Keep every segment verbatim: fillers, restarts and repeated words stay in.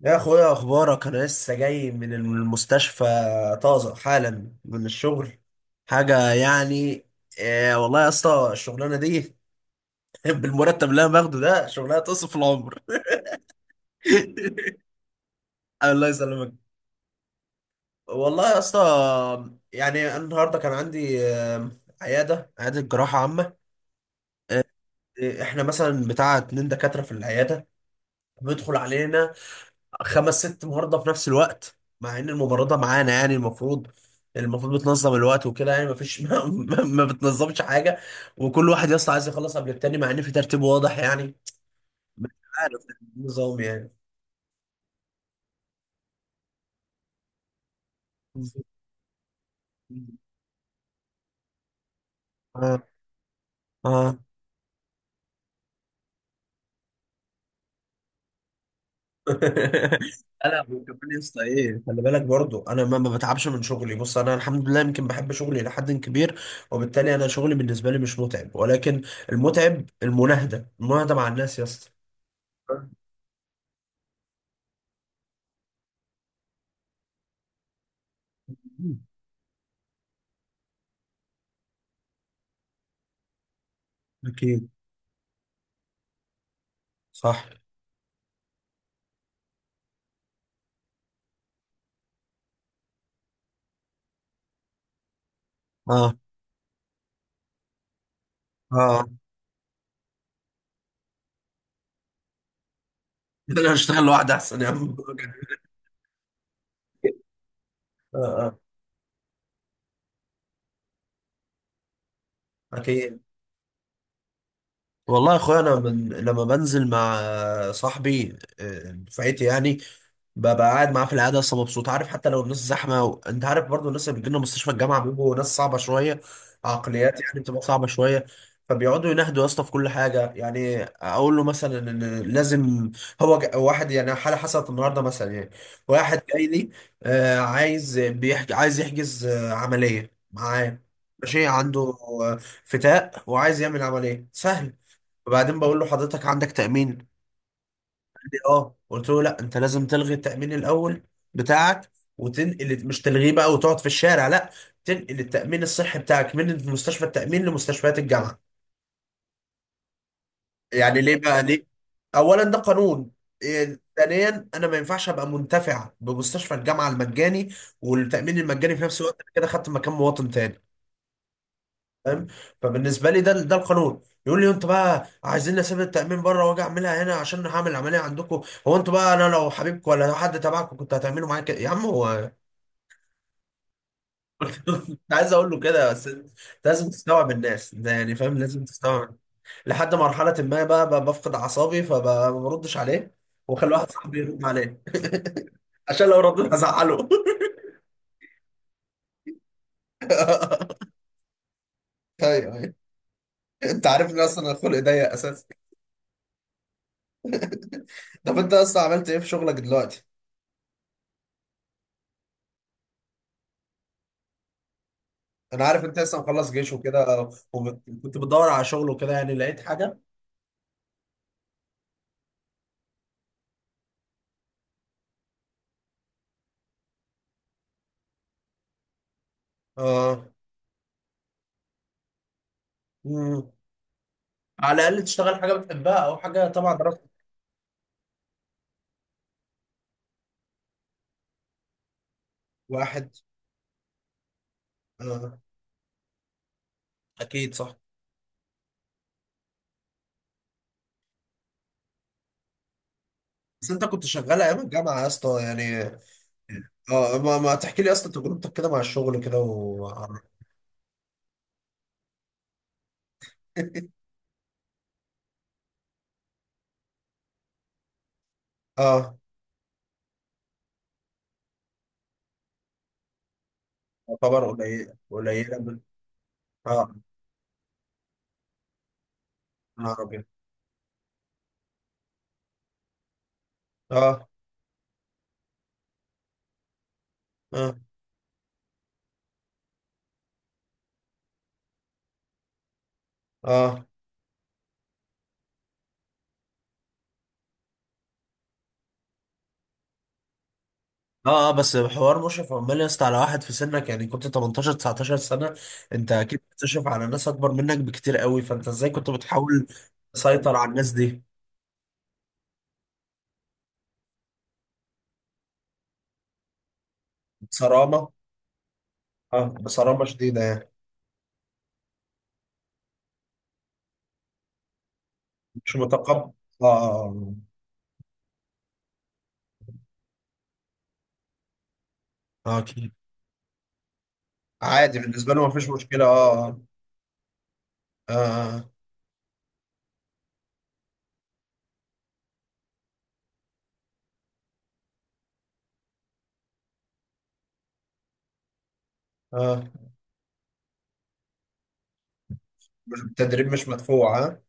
يا اخويا اخبارك؟ انا لسه جاي من المستشفى، طازه حالا من الشغل. حاجه يعني، إيه والله يا اسطى الشغلانه دي بالمرتب اللي انا باخده ده شغلانه تصف العمر. الله يسلمك. والله يا اسطى، يعني أنا النهارده كان عندي آه، عياده عياده جراحه عامه. آه، احنا مثلا بتاع اتنين دكاتره في العياده، بيدخل علينا خمس ست مهارضه في نفس الوقت، مع ان المباراه ده معانا، يعني المفروض المفروض بتنظم الوقت وكده، يعني مفيش. ما, ما, ما بتنظمش حاجه، وكل واحد يا اسطى عايز يخلص قبل التاني، مع ان في ترتيب واضح يعني. مش عارف النظام يعني. اه، اه. انا وكمان يا اسطى، ايه، خلي بالك برضو انا ما ما بتعبش من شغلي، بص انا الحمد لله يمكن بحب شغلي الى حد كبير، وبالتالي انا شغلي بالنسبه لي مش متعب، ولكن المتعب المناهده المناهده مع الناس يا اسطى. أكيد، صح، اه، اه. انا اشتغل لوحدي احسن يا عم. اه، اه، اكيد. والله يا اخويا انا من لما بنزل مع صاحبي آه، دفعتي يعني، ببقى قاعد معاه في العياده اصلا مبسوط. عارف، حتى لو الناس زحمه و... انت عارف برضو الناس اللي بتجيلنا مستشفى الجامعه بيبقوا ناس صعبه شويه. عقليات يعني بتبقى صعبه شويه، فبيقعدوا ينهدوا يا اسطى في كل حاجه. يعني اقول له مثلا ان لازم، هو ج... واحد يعني حاله حصلت النهارده مثلا يعني، واحد جاي لي آه، عايز بيحج... عايز يحجز آه، عمليه معاه، ماشي، عنده آه، فتاء وعايز يعمل عمليه سهل. وبعدين بقول له حضرتك عندك تأمين؟ قال لي اه. قلت له لا، انت لازم تلغي التأمين الأول بتاعك وتنقل، مش تلغيه بقى وتقعد في الشارع لا، تنقل التأمين الصحي بتاعك من مستشفى التأمين لمستشفيات الجامعة. يعني ليه بقى؟ ليه؟ أولا ده قانون، إيه، ثانيا انا ما ينفعش ابقى منتفع بمستشفى الجامعه المجاني والتامين المجاني في نفس الوقت، انا كده خدت مكان مواطن تاني. فاهم؟ فبالنسبه لي ده ده القانون. يقول لي انتوا بقى عايزين اسيب التامين بره واجي اعملها هنا عشان هعمل عمليه عندكم؟ هو انتوا بقى انا لو حبيبكم ولا لو حد تبعكم كنت هتعملوا معايا كده يا عم هو؟ كنت عايز اقول له كده، بس انت لازم تستوعب الناس ده يعني، فاهم، لازم تستوعب. لحد مرحله ما بقى, بقى بفقد اعصابي فما بردش عليه، واخلي واحد صاحبي يرد عليه. عشان لو رديت هزعله. ايوه، ايوه. انت عارف ان اصلا الخلق ضيق اساسا. طب انت اصلا عملت ايه في شغلك دلوقتي؟ انا عارف انت لسه مخلص جيش وكده، وكنت بتدور على شغل وكده، يعني لقيت حاجه؟ اه. مم. على الاقل تشتغل حاجه بتحبها او حاجه تبع دراستك. واحد. آه. اكيد، صح. بس انت كنت شغال ايام الجامعه يا اسطى يعني؟ اه، ما, ما تحكي لي يا اسطى تجربتك كده مع الشغل كده و. اه. تعتبر قليله قليله من-. اه، نهار ابيض، اه، اه، اه، اه، اه. بس حوار مشرف عمال يا اسطى على واحد في سنك، يعني كنت تمنتاشر لتسعتاشر سنة، انت اكيد بتشرف على ناس اكبر منك بكتير قوي، فانت ازاي كنت بتحاول تسيطر على الناس دي؟ بصرامة، اه، بصرامة شديدة يعني. مش متقبل، اه، اه، اه، اه، اكيد. عادي بالنسبة له مفيش مشكلة، اه، اه، اه. آه. مش- التدريب مش مدفوع؟ اه،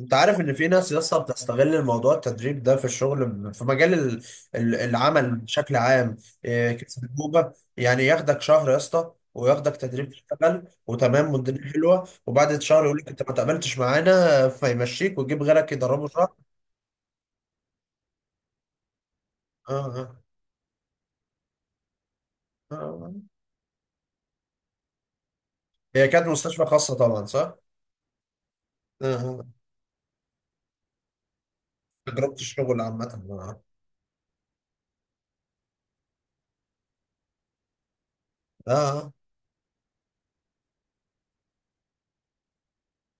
انت عارف ان في ناس لسه بتستغل الموضوع التدريب ده في الشغل، في مجال ال- ال- العمل بشكل عام. إيه، كسبوبه يعني، ياخدك شهر يا اسطى وياخدك تدريب، تشتغل وتمام والدنيا حلوه، وبعد شهر يقول لك انت ما تقبلتش معانا، فيمشيك ويجيب غيرك يدربه شهر. آه، آه، آه. آه. هي كانت مستشفى خاصه طبعا صح؟ آه، آه. آه. تجربه الشغل عامه. آه، آه. آه، آه.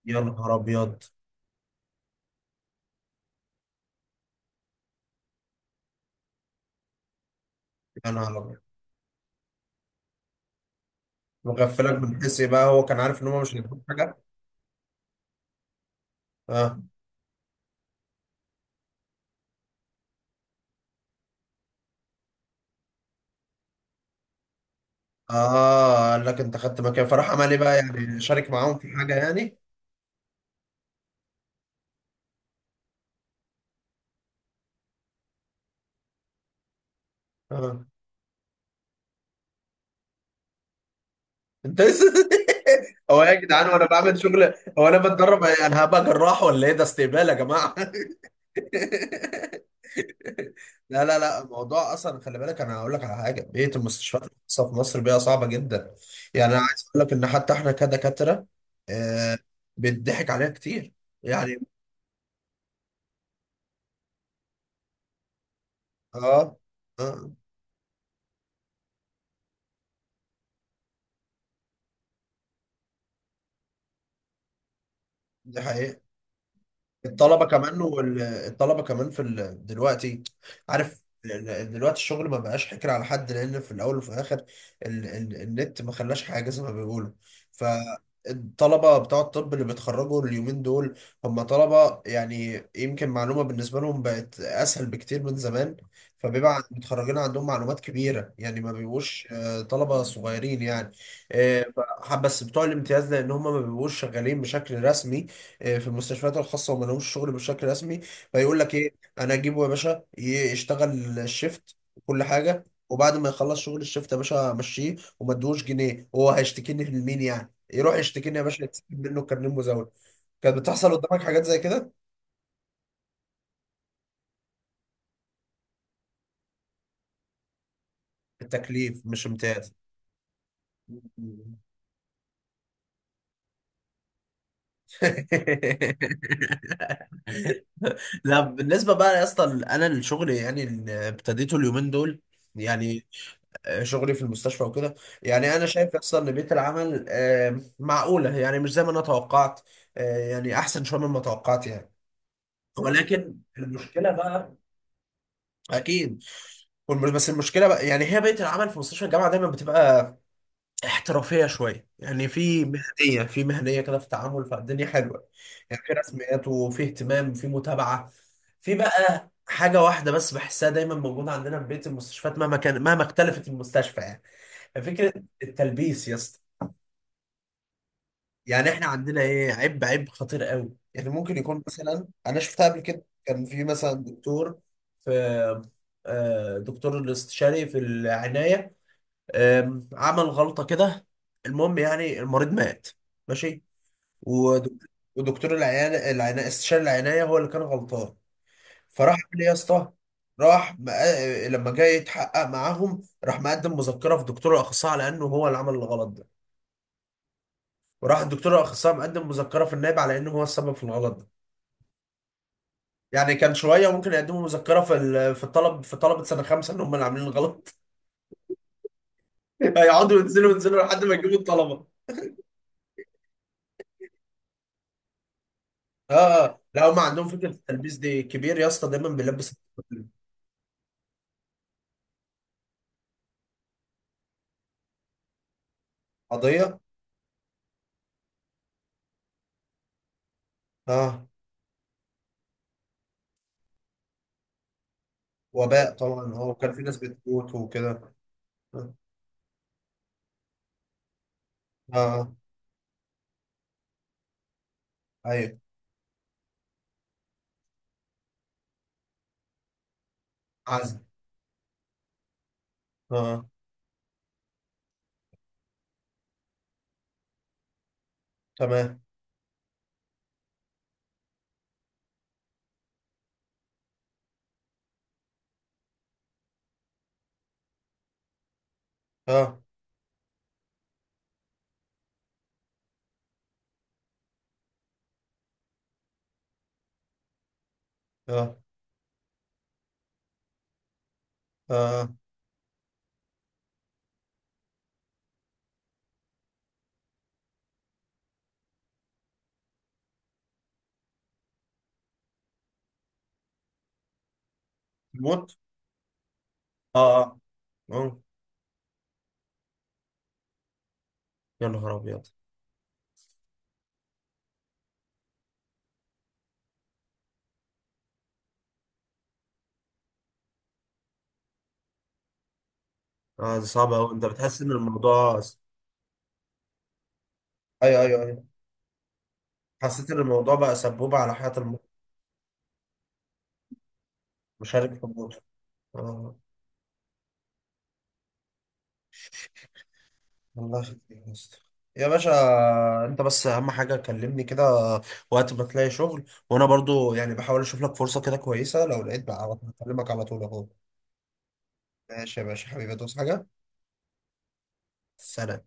يا نهار ابيض. يا نهار ابيض، مغفلك من حسي بقى. هو كان عارف ان هم مش هيجيبوا حاجه. آه. اه، قال لك انت خدت مكان؟ فراح عمل ايه بقى، يعني شارك معاهم في حاجه يعني؟ اه، انت لسه. هو إيه يا جدعان؟ وانا بعمل شغل، هو انا بتدرب إيه؟ انا هبقى جراح ولا ايه، ده استقبال يا جماعه. لا لا لا، الموضوع اصلا خلي بالك، انا هقول لك على حاجه، بيئه المستشفيات الخاصه في مصر بيئه صعبه جدا. يعني انا عايز اقول لك ان حتى احنا كدكاتره آه بيتضحك علينا كتير يعني. اه، اه، دي حقيقه. الطلبه كمان، والطلبه كمان في ال... دلوقتي. عارف ال- ال- دلوقتي الشغل ما بقاش حكر على حد، لان في الاول وفي الاخر ال... ال... النت ما خلاش حاجه زي ما بيقولوا. فالطلبه بتوع الطب اللي بيتخرجوا اليومين دول، هم طلبه يعني يمكن معلومه بالنسبه لهم بقت اسهل بكتير من زمان، فبيبقى عن- متخرجين عندهم معلومات كبيره، يعني ما بيبقوش آه، طلبه صغيرين يعني. آه، ف- بس بتوع الامتياز، لان هم ما بيبقوش شغالين بشكل رسمي آه، في المستشفيات الخاصه، وما لهمش شغل بشكل رسمي، فيقول لك ايه، انا اجيبه يا باشا ي- يشتغل الشيفت وكل حاجه، وبعد ما يخلص شغل الشيفت يا باشا امشيه وما ادوش جنيه، وهو هيشتكيني لمين يعني؟ يروح يشتكيني يا باشا يتسحب منه كارنيه مزاول. كانت بتحصل قدامك حاجات زي كده؟ التكليف مش امتياز. لا، بالنسبة بقى يا اسطى، انا الشغل يعني اللي ابتديته اليومين دول، يعني آه، شغلي في المستشفى وكده، يعني انا شايف اصلا ان بيئه العمل آه، معقوله، يعني مش زي ما انا توقعت، آه، يعني احسن شويه مما توقعت يعني. ولكن المشكله بقى، اكيد، والم- بس المشكله بقى يعني، هي بيئه العمل في مستشفى الجامعه دايما بتبقى احترافيه شويه، يعني في مهنيه، في مهنيه كده في التعامل، فالدنيا حلوه. يعني في رسميات وفي اهتمام وفي متابعه. في بقى حاجه واحده بس بحسها دايما موجوده عندنا في بيئه المستشفيات، مهما كان، مهما اختلفت المستشفى يعني، فكرة التلبيس يا اسطى. يعني احنا عندنا ايه، عيب عيب خطير قوي. يعني ممكن يكون مثلا، انا شفتها قبل كده، كان في مثلا دكتور في آه، دكتور الاستشاري في العناية، آم، عمل غلطة كده، المهم يعني المريض مات، ماشي. ودك- ودكتور العناية، العناية استشاري العناية هو اللي كان غلطان. فراح عمل ايه يا اسطى؟ راح مق- لما جاي يتحقق معاهم، راح مقدم مذكرة في دكتور الأخصائي على إنه هو اللي عمل الغلط ده، وراح الدكتور الاخصائي مقدم مذكره في النائب على انه هو السبب في الغلط ده. يعني كان شويه ممكن يقدموا مذكره في ال- في الطلب، في طلبه سنه خمسه ان هم اللي عاملين الغلط. هيقعدوا ينزلوا ينزلوا لحد ما يجيبوا الطلبه. اه، اه، لا هم عندهم فكره التلبيس دي كبير يا اسطى، دايما بيلبس الطلبة. قضيه. اه، وباء طبعا، هو كان في ناس بتموت وكده. اه، اه، ايوه. عزل، اه. تمام. اه، اه، اه. موت. اه، اه. آه. يا نهار ابيض. اه، دي صعبه قوي، انت بتحس ان الموضوع. ايوه، ايوه، ايوه. حسيت ان الموضوع بقى سبوبه على حياه. المشارك في الموضوع. آه. الله يخليك يا اسطى. يا باشا، انت بس اهم حاجه كلمني كده وقت ما تلاقي شغل، وانا برضو يعني بحاول اشوف لك فرصه كده كويسه، لو لقيت بقى على طول- بكلمك على طول اهو. ماشي يا باشا، حبيبي ادوس حاجه. سلام.